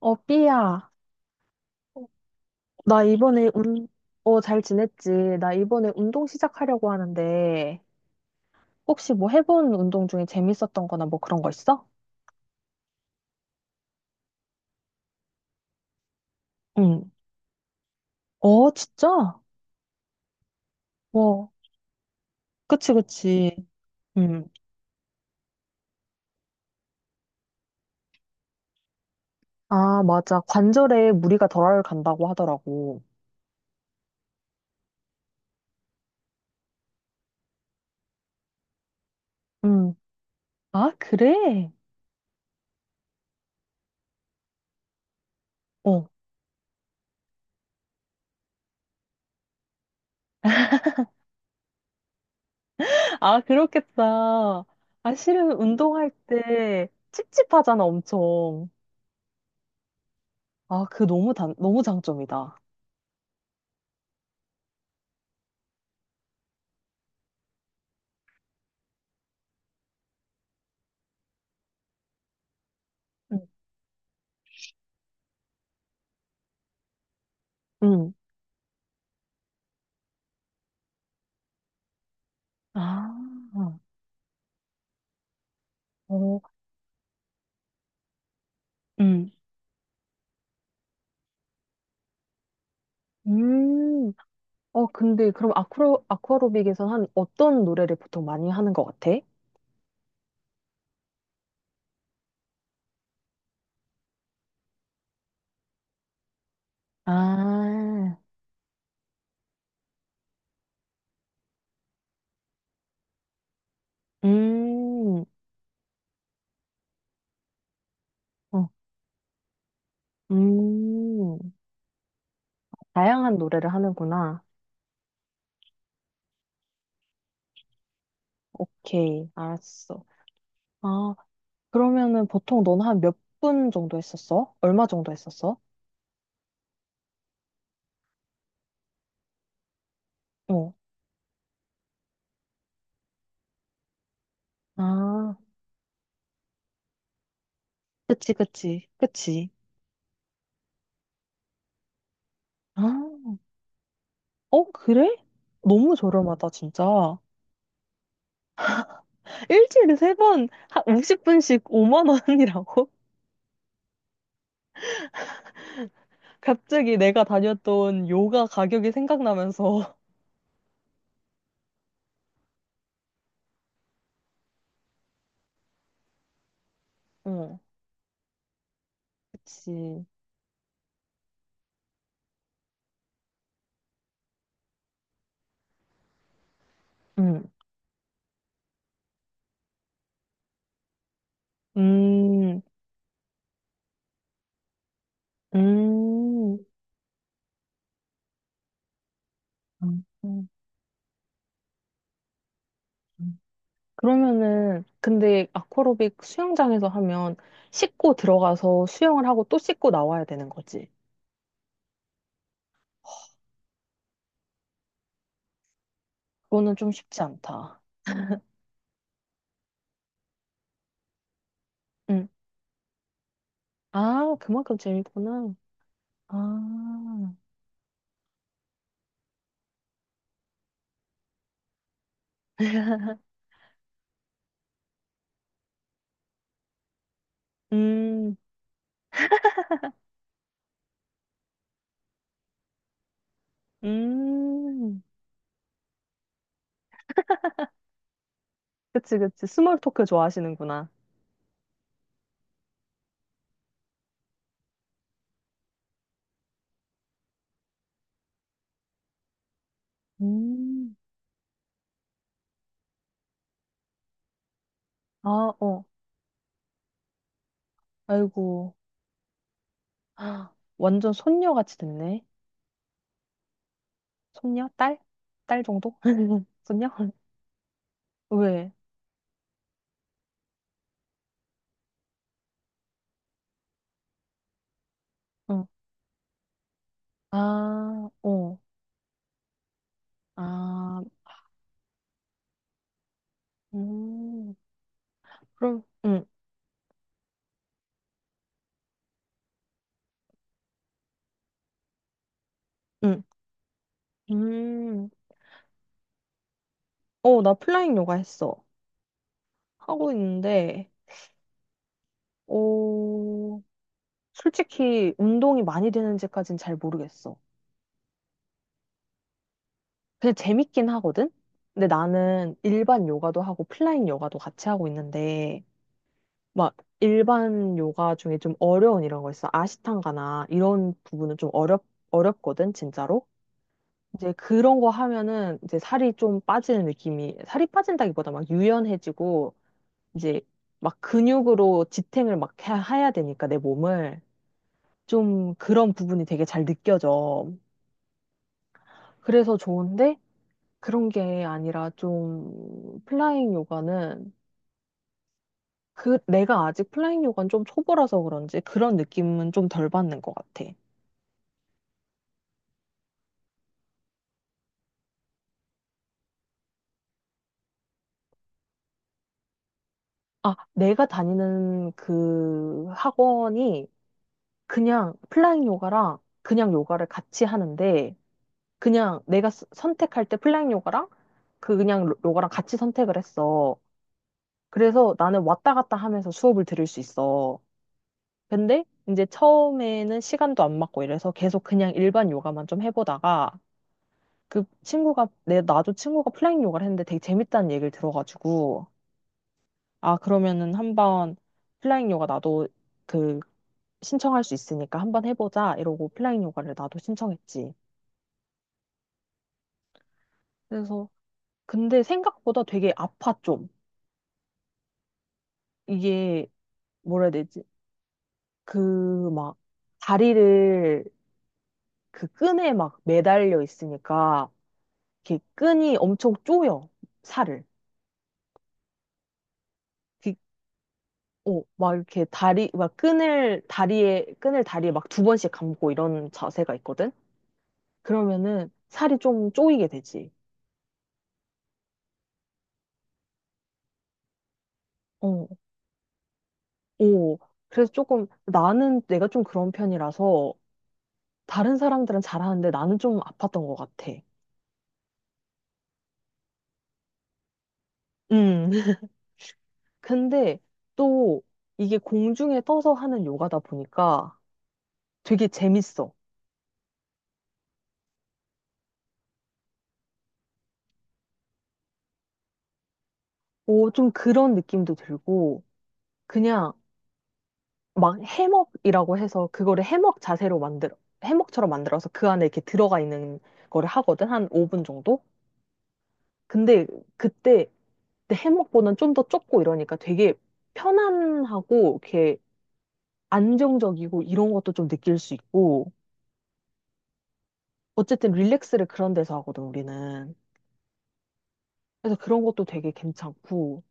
어, 삐야. 나 이번에 운, 어, 잘 지냈지? 나 이번에 운동 시작하려고 하는데, 혹시 뭐 해본 운동 중에 재밌었던 거나 뭐 그런 거 있어? 응. 어, 진짜? 와, 그치, 그치. 응. 아, 맞아. 관절에 무리가 덜 간다고 하더라고. 응. 아, 그래? 어. 아, 그렇겠다. 아, 실은 운동할 때 찝찝하잖아, 엄청. 아, 그 너무 장점이다. 응. 응. 아. 어, 음. 음. 어, 근데 그럼 아쿠아로빅에서 한 어떤 노래를 보통 많이 하는 것 같아? 아, 음, 어, 음. 다양한 노래를 하는구나. 오케이, 알았어. 아, 그러면은 보통 넌 한 몇 분 정도 했었어? 얼마 정도 했었어? 어, 아, 그치, 그치. 그치. 아, 어, 그래? 너무 저렴하다, 진짜. 일주일에 세 번, 한 50분씩 5만 원이라고? 갑자기 내가 다녔던 요가 가격이 생각나면서. 어, 그치. 음, 음, 음. 음, 음. 그러면은, 근데 아쿠아로빅 수영장에서 하면 씻고 들어가서 수영을 하고 또 씻고 나와야 되는 거지. 그거는 좀 쉽지 않다. 응. 아, 그만큼 재밌구나. 아, 음, 음. 그치, 그치. 스몰 토크 좋아하시는구나. 음. 아, 어. 아이고. 아, 완전 손녀같이 됐네. 손녀? 딸? 딸 정도? 손녀? 왜? 어. 아, 어. 아, 음. 그럼, 응, 응. 음. 어, 나 플라잉 요가 했어. 하고 있는데, 어, 솔직히 운동이 많이 되는지까진 잘 모르겠어. 그냥 재밌긴 하거든? 근데 나는 일반 요가도 하고 플라잉 요가도 같이 하고 있는데, 막 일반 요가 중에 좀 어려운 이런 거 있어. 아시탄가나 이런 부분은 좀 어렵거든, 진짜로. 이제 그런 거 하면은 이제 살이 좀 빠지는 느낌이, 살이 빠진다기보다 막 유연해지고, 이제 막 근육으로 지탱을 막 해야 되니까 내 몸을. 좀 그런 부분이 되게 잘 느껴져. 그래서 좋은데 그런 게 아니라 좀 플라잉 요가는 그 내가 아직 플라잉 요가는 좀 초보라서 그런지 그런 느낌은 좀 덜 받는 것 같아. 아, 내가 다니는 그 학원이 그냥 플라잉 요가랑 그냥 요가를 같이 하는데 그냥 내가 선택할 때 플라잉 요가랑 그 그냥 요가랑 같이 선택을 했어. 그래서 나는 왔다 갔다 하면서 수업을 들을 수 있어. 근데 이제 처음에는 시간도 안 맞고 이래서 계속 그냥 일반 요가만 좀 해보다가 그 친구가 내 나도 친구가 플라잉 요가를 했는데 되게 재밌다는 얘기를 들어가지고 아 그러면은 한번 플라잉 요가 나도 그... 신청할 수 있으니까 한번 해보자 이러고 오프라인 요가를 나도 신청했지. 그래서 근데 생각보다 되게 아파 좀. 이게 뭐라 해야 되지? 그 막 다리를 그 끈에 막 매달려 있으니까 이렇게 끈이 엄청 쪼여 살을. 그- 어, 막 이렇게 다리 막 끈을 다리에 끈을 다리에 막 두 번씩 감고 이런 자세가 있거든. 그러면은 살이 좀 쪼이게 되지. 어, 오. 그래서 조금 나는 내가 좀 그런 편이라서 다른 사람들은 잘하는데 나는 좀 아팠던 것 같아. 음, 근데 또 이게 공중에 떠서 하는 요가다 보니까 되게 재밌어. 오, 좀 그런 느낌도 들고 그냥 막 해먹이라고 해서 그거를 해먹 자세로 만들어 해먹처럼 만들어서 그 안에 이렇게 들어가 있는 거를 하거든 한 5분 정도. 근데 그때 내 해먹보다는 좀 더 좁고 이러니까 되게 편안하고 이렇게 안정적이고 이런 것도 좀 느낄 수 있고 어쨌든 릴렉스를 그런 데서 하거든, 우리는. 그래서 그런 것도 되게 괜찮고.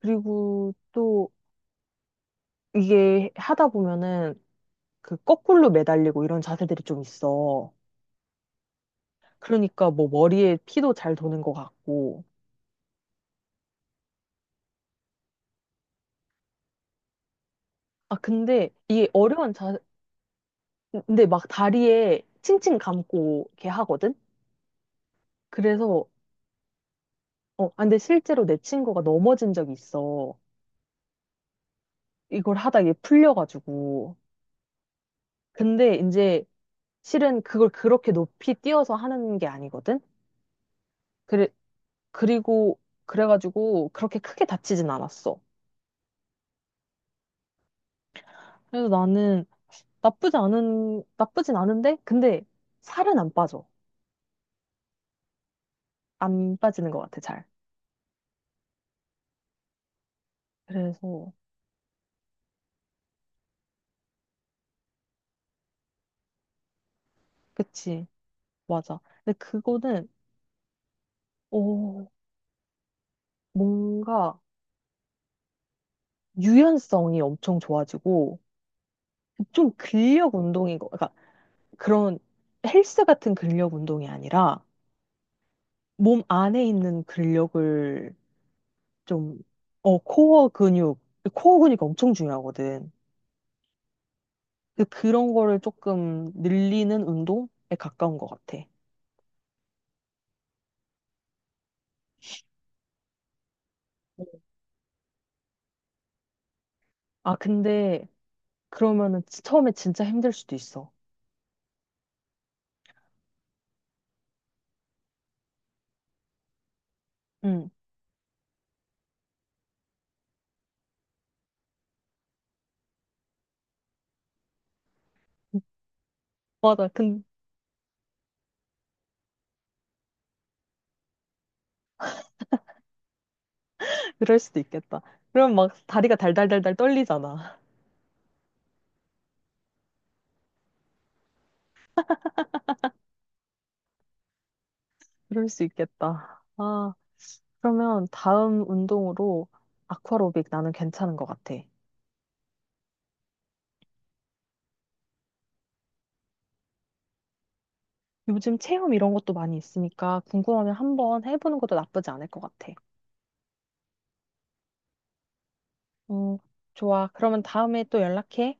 그리고 또 이게 하다 보면은 그 거꾸로 매달리고 이런 자세들이 좀 있어. 그러니까 뭐 머리에 피도 잘 도는 것 같고. 아, 근데 이게 어려운 자세, 근데 막 다리에 칭칭 감고 이렇게 하거든? 그래서, 어, 아, 근데 실제로 내 친구가 넘어진 적이 있어. 이걸 하다 이게 풀려가지고. 근데 이제 실은 그걸 그렇게 높이 뛰어서 하는 게 아니거든? 그래, 그리고, 그래가지고 그렇게 크게 다치진 않았어. 그래서 나는 나쁘지 않은, 나쁘진 않은데, 근데 살은 안 빠져. 안 빠지는 것 같아, 잘. 그래서, 그치, 맞아. 근데 그거는, 어, 뭔가 유연성이 엄청 좋아지고, 좀 근력 운동인 거, 그러니까 그런 헬스 같은 근력 운동이 아니라, 몸 안에 있는 근력을 좀, 어, 코어 근육, 코어 근육이 엄청 중요하거든. 그런 거를 조금 늘리는 운동에 가까운 것 같아. 아, 근데 그러면은 처음에 진짜 힘들 수도 있어. 응. 맞아. 근 그럴 수도 있겠다. 그럼 막 다리가 달달달달 떨리잖아. 그럴 수 있겠다. 아, 그러면 다음 운동으로 아쿠아로빅 나는 괜찮은 것 같아. 요즘 체험 이런 것도 많이 있으니까 궁금하면 한번 해보는 것도 나쁘지 않을 것 같아. 어, 좋아. 그러면 다음에 또 연락해.